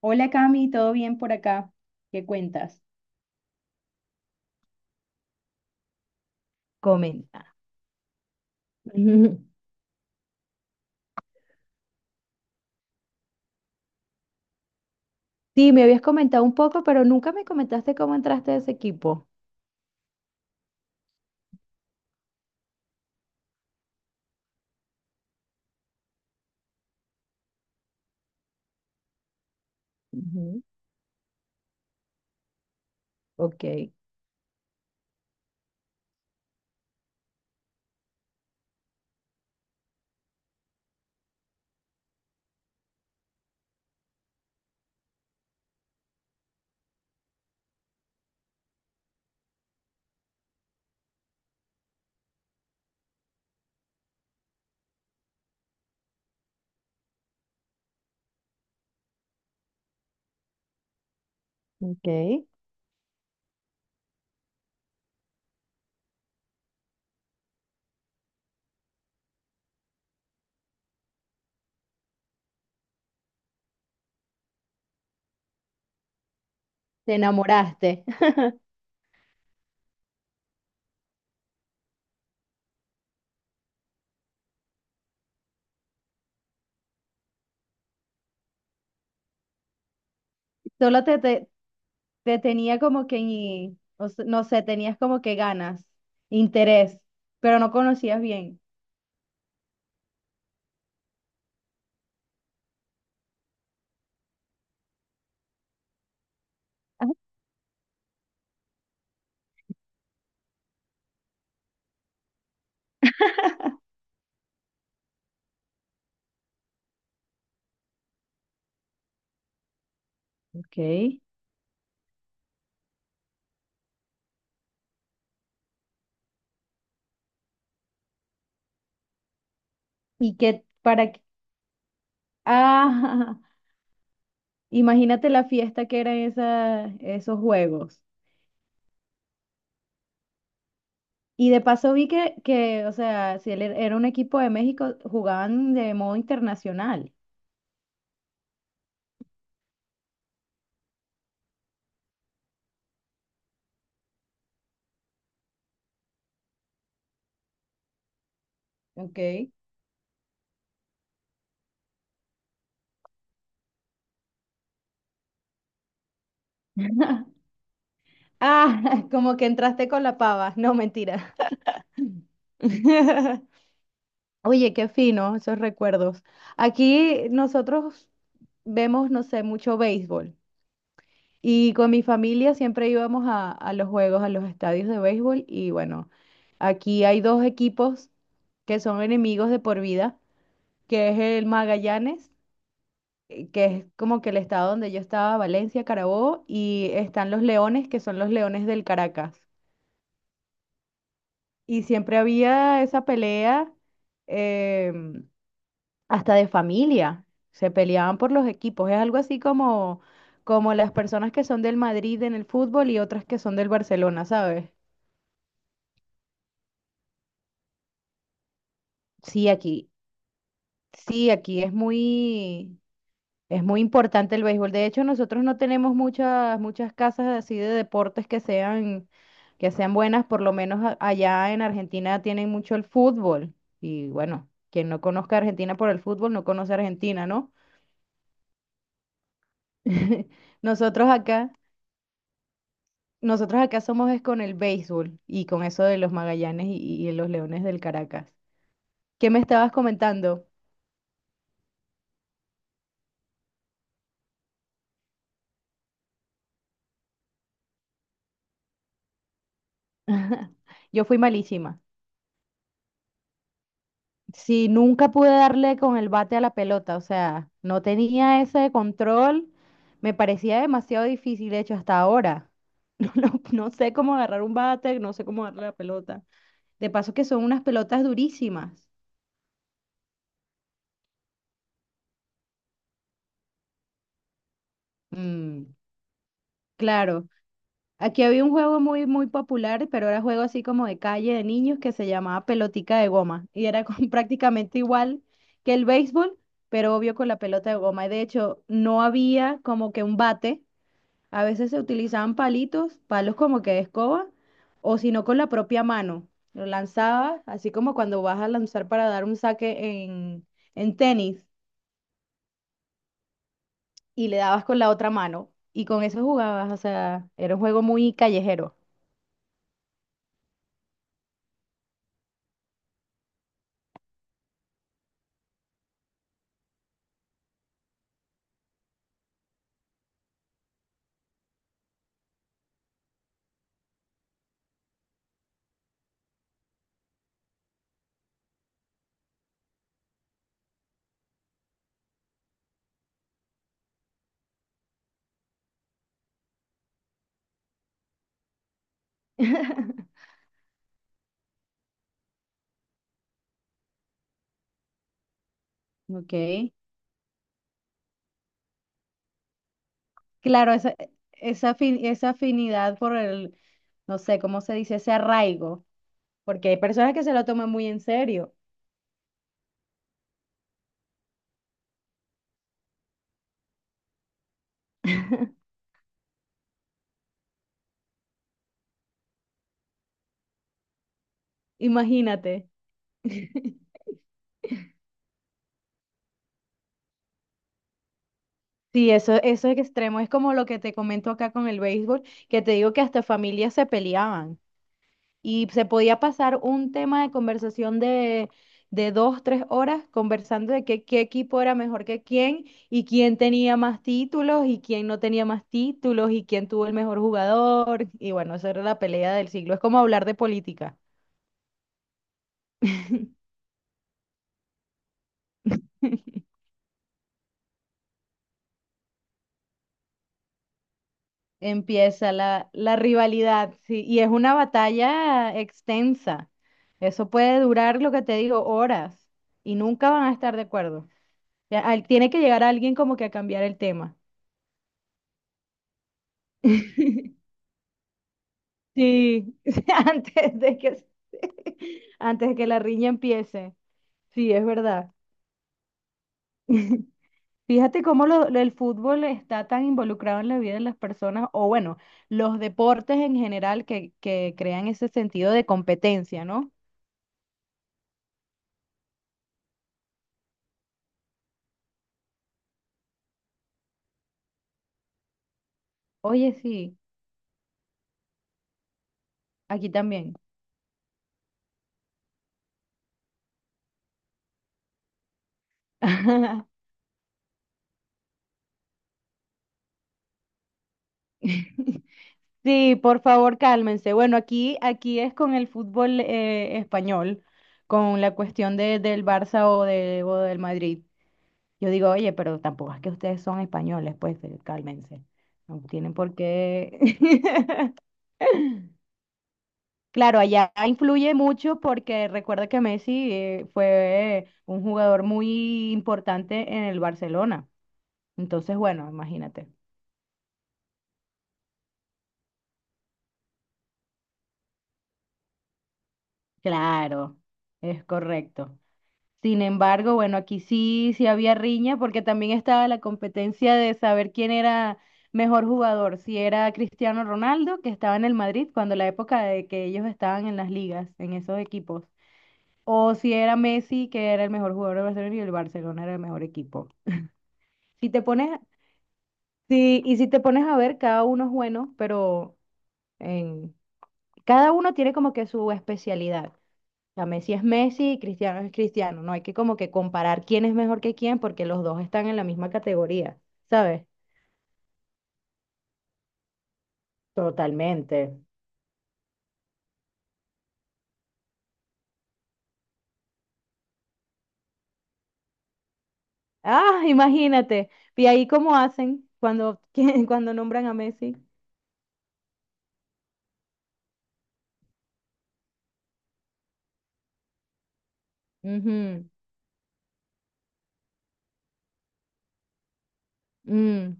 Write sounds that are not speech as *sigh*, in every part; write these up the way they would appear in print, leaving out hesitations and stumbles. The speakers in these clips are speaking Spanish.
Hola Cami, ¿todo bien por acá? ¿Qué cuentas? Comenta. *laughs* Ujú. Sí, me habías comentado un poco, pero nunca me comentaste cómo entraste a ese equipo. Ujú. Ok. Ok. Te enamoraste. *laughs* Solo te tenía como que, no sé, tenías como que ganas, interés, pero no conocías bien. Ah, Ok. Y que para... qué- Ah, *laughs* imagínate la fiesta que eran esos juegos. Y de paso vi o sea, si era un equipo de México, jugaban de modo internacional. Ok. *laughs* Ah, *laughs* como que entraste con la pava. No, mentira. *laughs* Oye, qué fino esos recuerdos. Aquí nosotros vemos, no sé, mucho béisbol. Y con mi familia siempre íbamos a los juegos, a los estadios de béisbol. Y bueno, aquí hay dos equipos que son enemigos de por vida, que es el Magallanes que es como que el estado donde yo estaba, Valencia, Carabobo, y están los leones, que son los Leones del Caracas. Y siempre había esa pelea, em, hasta de familia, se peleaban por los equipos, es algo así como, como las personas que son del Madrid en el fútbol y otras que son del Barcelona, ¿sabes? Sí, aquí, sí, aquí es muy... Es muy importante el béisbol. De hecho, nosotros no tenemos muchas, muchas casas así de deportes que sean buenas. Por lo menos allá en Argentina tienen mucho el fútbol. Y bueno, quien no conozca a Argentina por el fútbol, no conoce a Argentina, ¿no? *laughs* Nosotros acá, nosotros acá somos es con el béisbol y con eso de los Magallanes y los Leones del Caracas. ¿Qué me estabas comentando? *laughs* Yo fui malísima. Si nunca pude darle con el bate a la pelota, o sea, no tenía ese control, me parecía demasiado difícil, de hecho, hasta ahora. *laughs* No, no, no sé cómo agarrar un bate, no sé cómo darle la pelota. De paso que son unas pelotas durísimas. Mm, claro. Aquí había un juego muy, muy popular, pero era juego así como de calle de niños que se llamaba pelotica de goma y *laughs* prácticamente igual que el béisbol, pero obvio con la pelota de goma. Y de hecho, no había como que un bate. A veces se utilizaban palitos, palos como que de escoba, o si no con la propia mano. Lo lanzabas, así como cuando vas a lanzar para dar un saque en tenis, y le dabas con la otra mano. Y con eso jugabas, o sea, era un juego muy callejero. *laughs* Ok. Claro, esa, esa afinidad por el, no sé, ¿cómo se dice? Ese arraigo, porque hay personas que se lo toman muy en serio. Imagínate. *laughs* Sí, eso es extremo. Es como lo que te comento acá con el béisbol, que te digo que hasta familias se peleaban y se podía pasar un tema de conversación de dos, tres horas conversando de que, qué equipo era mejor que quién y quién tenía más títulos y quién no tenía más títulos y quién tuvo el mejor jugador. Y bueno, esa era la pelea del siglo. Es como hablar de política. Empieza la rivalidad, sí, y es una batalla extensa. Eso puede durar, lo que te digo, horas y nunca van a estar de acuerdo. Ya, tiene que llegar alguien como que a cambiar el tema. *laughs* Sí, *laughs* antes de que, *laughs* antes de que la riña empiece. Sí, es verdad. *laughs* Fíjate cómo el fútbol está tan involucrado en la vida de las personas, o bueno, los deportes en general que crean ese sentido de competencia, ¿no? Oye, sí, aquí también. *laughs* Sí, por favor, cálmense. Bueno, aquí, aquí es con el fútbol español, con la cuestión de, del Barça, o de, o del Madrid. Yo digo, oye, pero tampoco es que ustedes son españoles, pues cálmense. No tienen por qué. *laughs* Claro, allá influye mucho porque recuerda que Messi fue un jugador muy importante en el Barcelona. Entonces, bueno, imagínate. Claro, es correcto. Sin embargo, bueno, aquí sí, sí había riña porque también estaba la competencia de saber quién era mejor jugador, si era Cristiano Ronaldo, que estaba en el Madrid cuando la época de que ellos estaban en las ligas, en esos equipos, o si era Messi, que era el mejor jugador de Barcelona y el Barcelona era el mejor equipo. Si te pones, sí, y si te pones a ver, cada uno es bueno, pero en, cada uno tiene como que su especialidad. Sea, Messi es Messi y Cristiano es Cristiano. No hay que como que comparar quién es mejor que quién porque los dos están en la misma categoría, ¿sabes? Totalmente. Ah, imagínate. Y ahí cómo hacen cuando, *laughs* cuando nombran a Messi. Ujú, mm.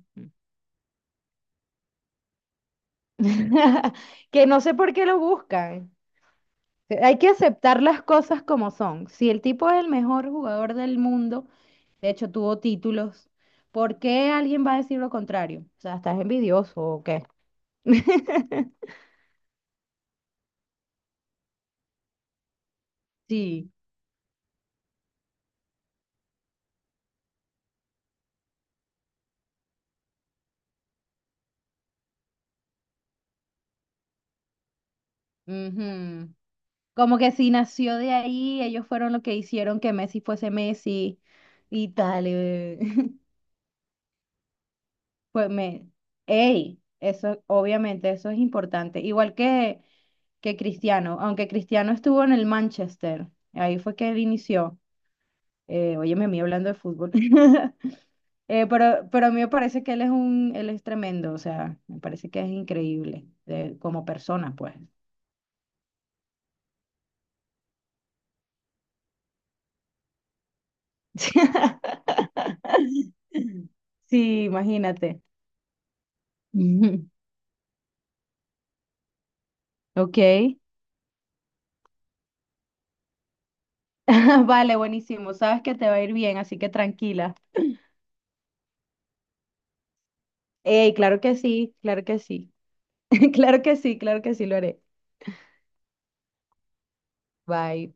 *laughs* Que no sé por qué lo buscan. Hay que aceptar las cosas como son. Si el tipo es el mejor jugador del mundo, de hecho tuvo títulos, ¿por qué alguien va a decir lo contrario? O sea, ¿estás envidioso o qué? *laughs* Sí, ujú. Como que si nació de ahí, ellos fueron los que hicieron que Messi fuese Messi y tal. *laughs* Pues me, ey, eso obviamente eso es importante. Igual que Cristiano, aunque Cristiano estuvo en el Manchester, ahí fue que él inició. Óyeme, a mí hablando de fútbol. *laughs* Pero a mí me parece que él es un, él es tremendo, o sea, me parece que es increíble como persona, pues. *laughs* Sí, imagínate. Ujú. Ok. *laughs* Vale, buenísimo. Sabes que te va a ir bien, así que tranquila. Ey, claro que sí, claro que sí. *laughs* Claro que sí, lo haré. Bye.